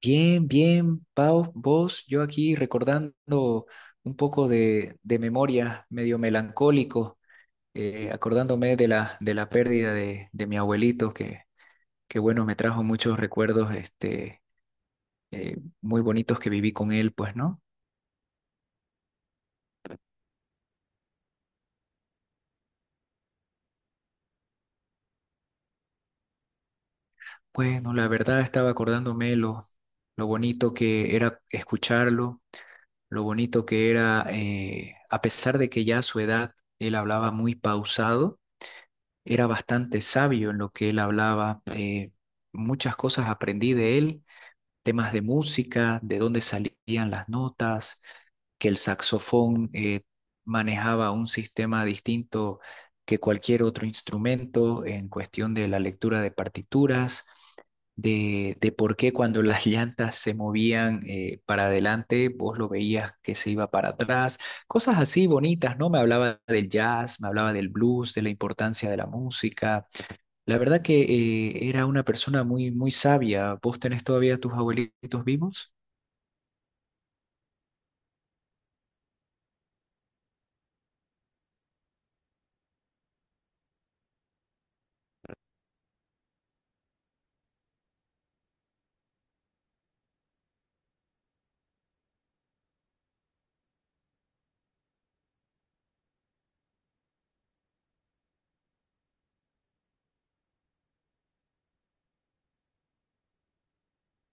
Bien, bien, Pau, vos, yo aquí recordando un poco de memoria, medio melancólico, acordándome de la pérdida de mi abuelito, que bueno, me trajo muchos recuerdos este, muy bonitos que viví con él, pues, ¿no? Bueno, la verdad estaba acordándome lo bonito que era escucharlo, lo bonito que era, a pesar de que ya a su edad él hablaba muy pausado. Era bastante sabio en lo que él hablaba. Muchas cosas aprendí de él, temas de música, de dónde salían las notas, que el saxofón manejaba un sistema distinto que cualquier otro instrumento en cuestión de la lectura de partituras, de por qué cuando las llantas se movían, para adelante, vos lo veías que se iba para atrás, cosas así bonitas, ¿no? Me hablaba del jazz, me hablaba del blues, de la importancia de la música. La verdad que era una persona muy, muy sabia. ¿Vos tenés todavía tus abuelitos vivos?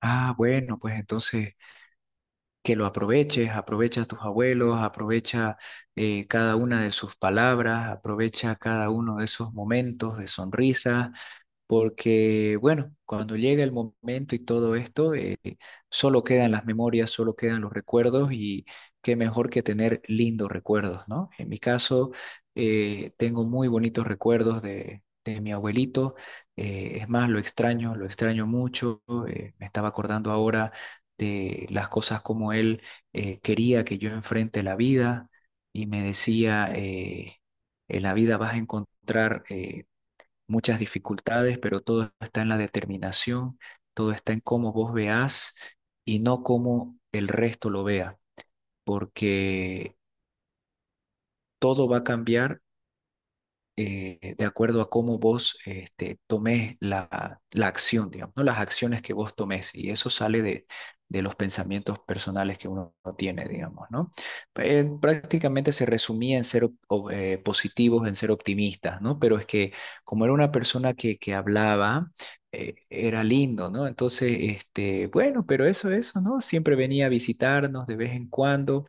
Ah, bueno, pues entonces que lo aproveches, aprovecha a tus abuelos, aprovecha, cada una de sus palabras, aprovecha cada uno de esos momentos de sonrisa, porque bueno, cuando llega el momento y todo esto, solo quedan las memorias, solo quedan los recuerdos y qué mejor que tener lindos recuerdos, ¿no? En mi caso, tengo muy bonitos recuerdos de mi abuelito, es más, lo extraño mucho, me estaba acordando ahora de las cosas como él quería que yo enfrente la vida y me decía en la vida vas a encontrar, muchas dificultades, pero todo está en la determinación, todo está en cómo vos veas y no cómo el resto lo vea, porque todo va a cambiar, de acuerdo a cómo vos este, tomes la acción, digamos, ¿no? Las acciones que vos tomes. Y eso sale de los pensamientos personales que uno tiene, digamos, ¿no? Prácticamente se resumía en ser positivos, en ser optimistas, ¿no? Pero es que como era una persona que hablaba, era lindo, ¿no? Entonces, este, bueno, pero eso, ¿no? Siempre venía a visitarnos de vez en cuando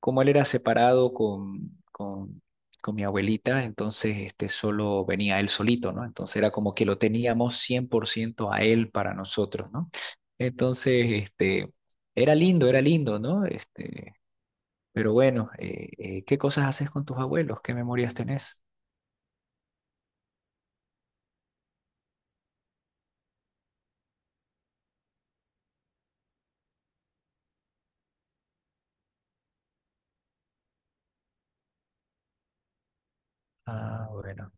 como él era separado con mi abuelita, entonces este, solo venía él solito, ¿no? Entonces era como que lo teníamos 100% a él para nosotros, ¿no? Entonces, este, era lindo, ¿no? Este, pero bueno, ¿qué cosas haces con tus abuelos? ¿Qué memorias tenés? Ah, bueno,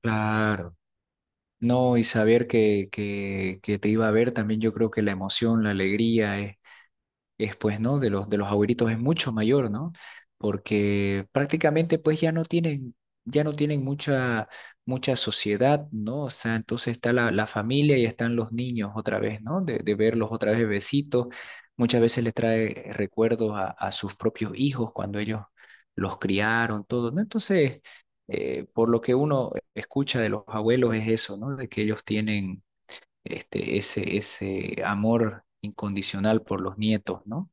claro. No, y saber que te iba a ver también, yo creo que la emoción, la alegría es pues, ¿no? De de los abuelitos es mucho mayor, ¿no? Porque prácticamente pues ya no tienen mucha, mucha sociedad, ¿no? O sea, entonces está la familia y están los niños otra vez, ¿no? De verlos otra vez bebecitos. Muchas veces les trae recuerdos a sus propios hijos cuando ellos los criaron, todo, ¿no? Entonces, por lo que uno escucha de los abuelos es eso, ¿no? De que ellos tienen este, ese amor incondicional por los nietos, ¿no?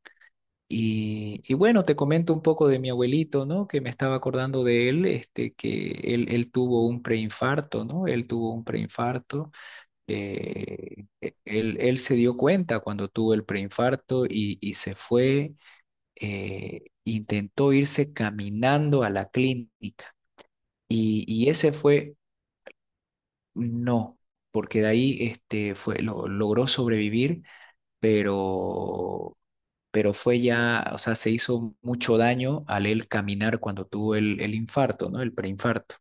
Y bueno, te comento un poco de mi abuelito, ¿no? Que me estaba acordando de él, este, que él tuvo un preinfarto, ¿no? Él tuvo un preinfarto. Él se dio cuenta cuando tuvo el preinfarto y se fue, intentó irse caminando a la clínica. Y ese fue, no, porque de ahí este, fue, lo, logró sobrevivir, pero pero fue ya, o sea, se hizo mucho daño al él caminar cuando tuvo el infarto, ¿no? El preinfarto.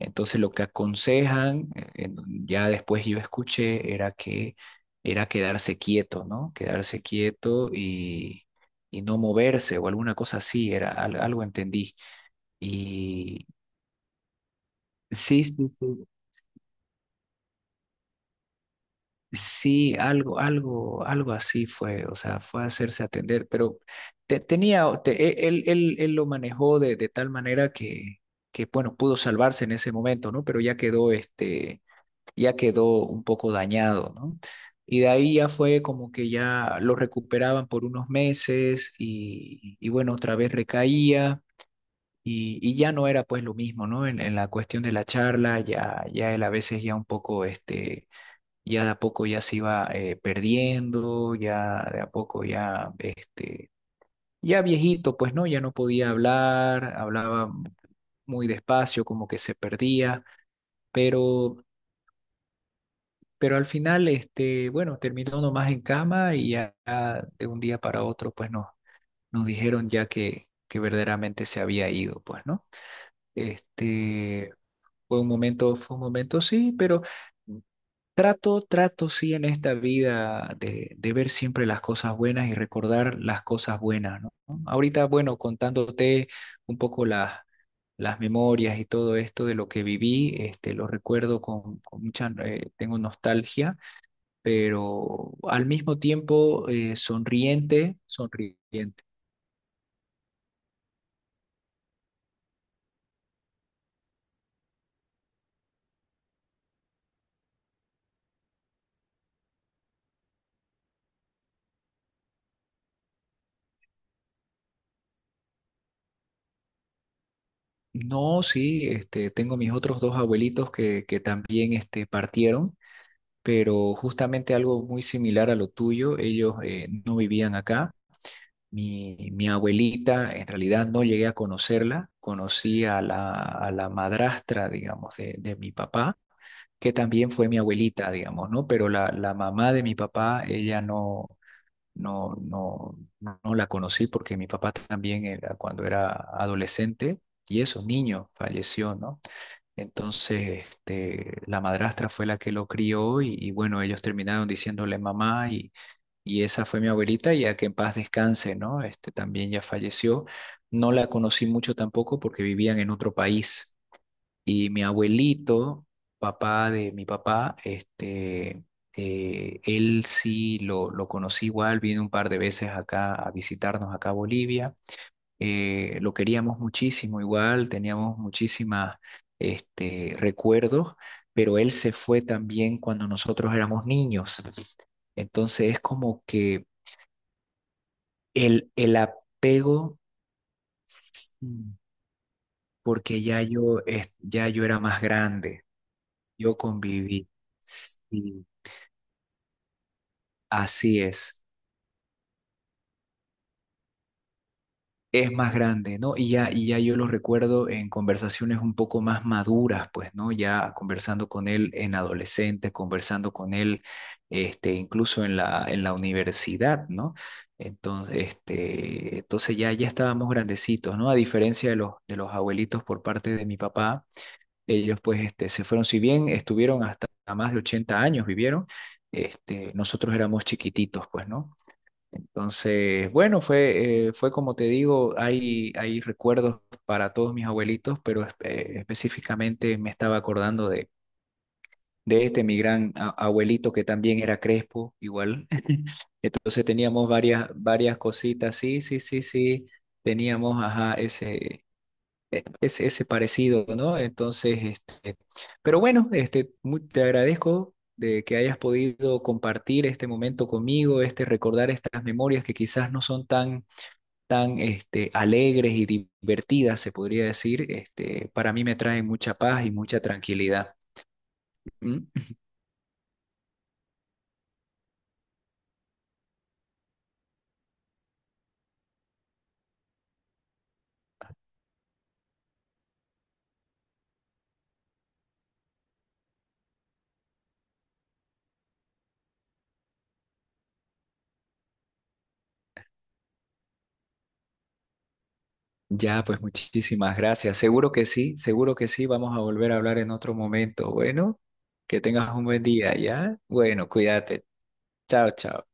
Entonces lo que aconsejan, ya después yo escuché, era que era quedarse quieto, ¿no? Quedarse quieto y no moverse o alguna cosa así, era algo entendí. Y sí, sí, sí. Sí, algo, algo, algo así fue, o sea, fue a hacerse atender, pero te- tenía, o- te- e, él lo manejó de tal manera que, bueno, pudo salvarse en ese momento, ¿no? Pero ya quedó, este, ya quedó un poco dañado, ¿no? Y de ahí ya fue como que ya lo recuperaban por unos meses y bueno, otra vez recaía. Y ya no era pues lo mismo, ¿no? En la cuestión de la charla, ya, ya él a veces ya un poco, este, ya de a poco ya se iba, perdiendo, ya de a poco ya, este, ya viejito, pues no, ya no podía hablar, hablaba muy despacio, como que se perdía, pero, pero al final, este, bueno, terminó nomás en cama y ya ya de un día para otro, pues no, nos dijeron ya que verdaderamente se había ido, pues no. Este, fue un momento, sí, pero... Trato, trato, sí, en esta vida de ver siempre las cosas buenas y recordar las cosas buenas, ¿no? Ahorita, bueno, contándote un poco las memorias y todo esto de lo que viví, este, lo recuerdo con mucha, tengo nostalgia, pero al mismo tiempo, sonriente, sonriente. No, sí, este, tengo mis otros dos abuelitos que también este, partieron. Pero justamente algo muy similar a lo tuyo, ellos, no vivían acá. Mi abuelita, en realidad no llegué a conocerla, conocí a a la madrastra, digamos, de mi papá, que también fue mi abuelita, digamos, ¿no? Pero la mamá de mi papá, ella no, no, no, no la conocí porque mi papá también era cuando era adolescente y eso, niño, falleció, ¿no? Entonces, este, la madrastra fue la que lo crió y bueno, ellos terminaron diciéndole mamá y esa fue mi abuelita, y a que en paz descanse, ¿no? Este, también ya falleció. No la conocí mucho tampoco porque vivían en otro país. Y mi abuelito, papá de mi papá, este, él sí lo conocí igual, vino un par de veces acá a visitarnos acá a Bolivia, lo queríamos muchísimo igual, teníamos muchísimas este, recuerdos, pero él se fue también cuando nosotros éramos niños. Entonces es como que el apego, mm, porque ya yo, ya yo era más grande, yo conviví. Sí, así es. Es más grande, ¿no? Y ya yo lo recuerdo en conversaciones un poco más maduras, pues, ¿no? Ya conversando con él en adolescente, conversando con él, este, incluso en en la universidad, ¿no? Entonces, este, entonces ya, ya estábamos grandecitos, ¿no? A diferencia de de los abuelitos por parte de mi papá, ellos pues este, se fueron, si bien estuvieron hasta más de 80 años, vivieron, este, nosotros éramos chiquititos, pues, ¿no? Entonces, bueno, fue, fue como te digo, hay recuerdos para todos mis abuelitos, pero específicamente me estaba acordando de este, mi gran abuelito que también era crespo, igual. Entonces teníamos varias, varias cositas, sí, sí, sí, sí, teníamos, ajá, ese, ese, ese parecido, ¿no? Entonces, este, pero bueno, este, te agradezco de que hayas podido compartir este momento conmigo, este recordar estas memorias que quizás no son tan tan este, alegres y divertidas, se podría decir, este, para mí me traen mucha paz y mucha tranquilidad. ¿Mm? Ya, pues muchísimas gracias. Seguro que sí, seguro que sí. Vamos a volver a hablar en otro momento. Bueno, que tengas un buen día, ¿ya? Bueno, cuídate. Chao, chao.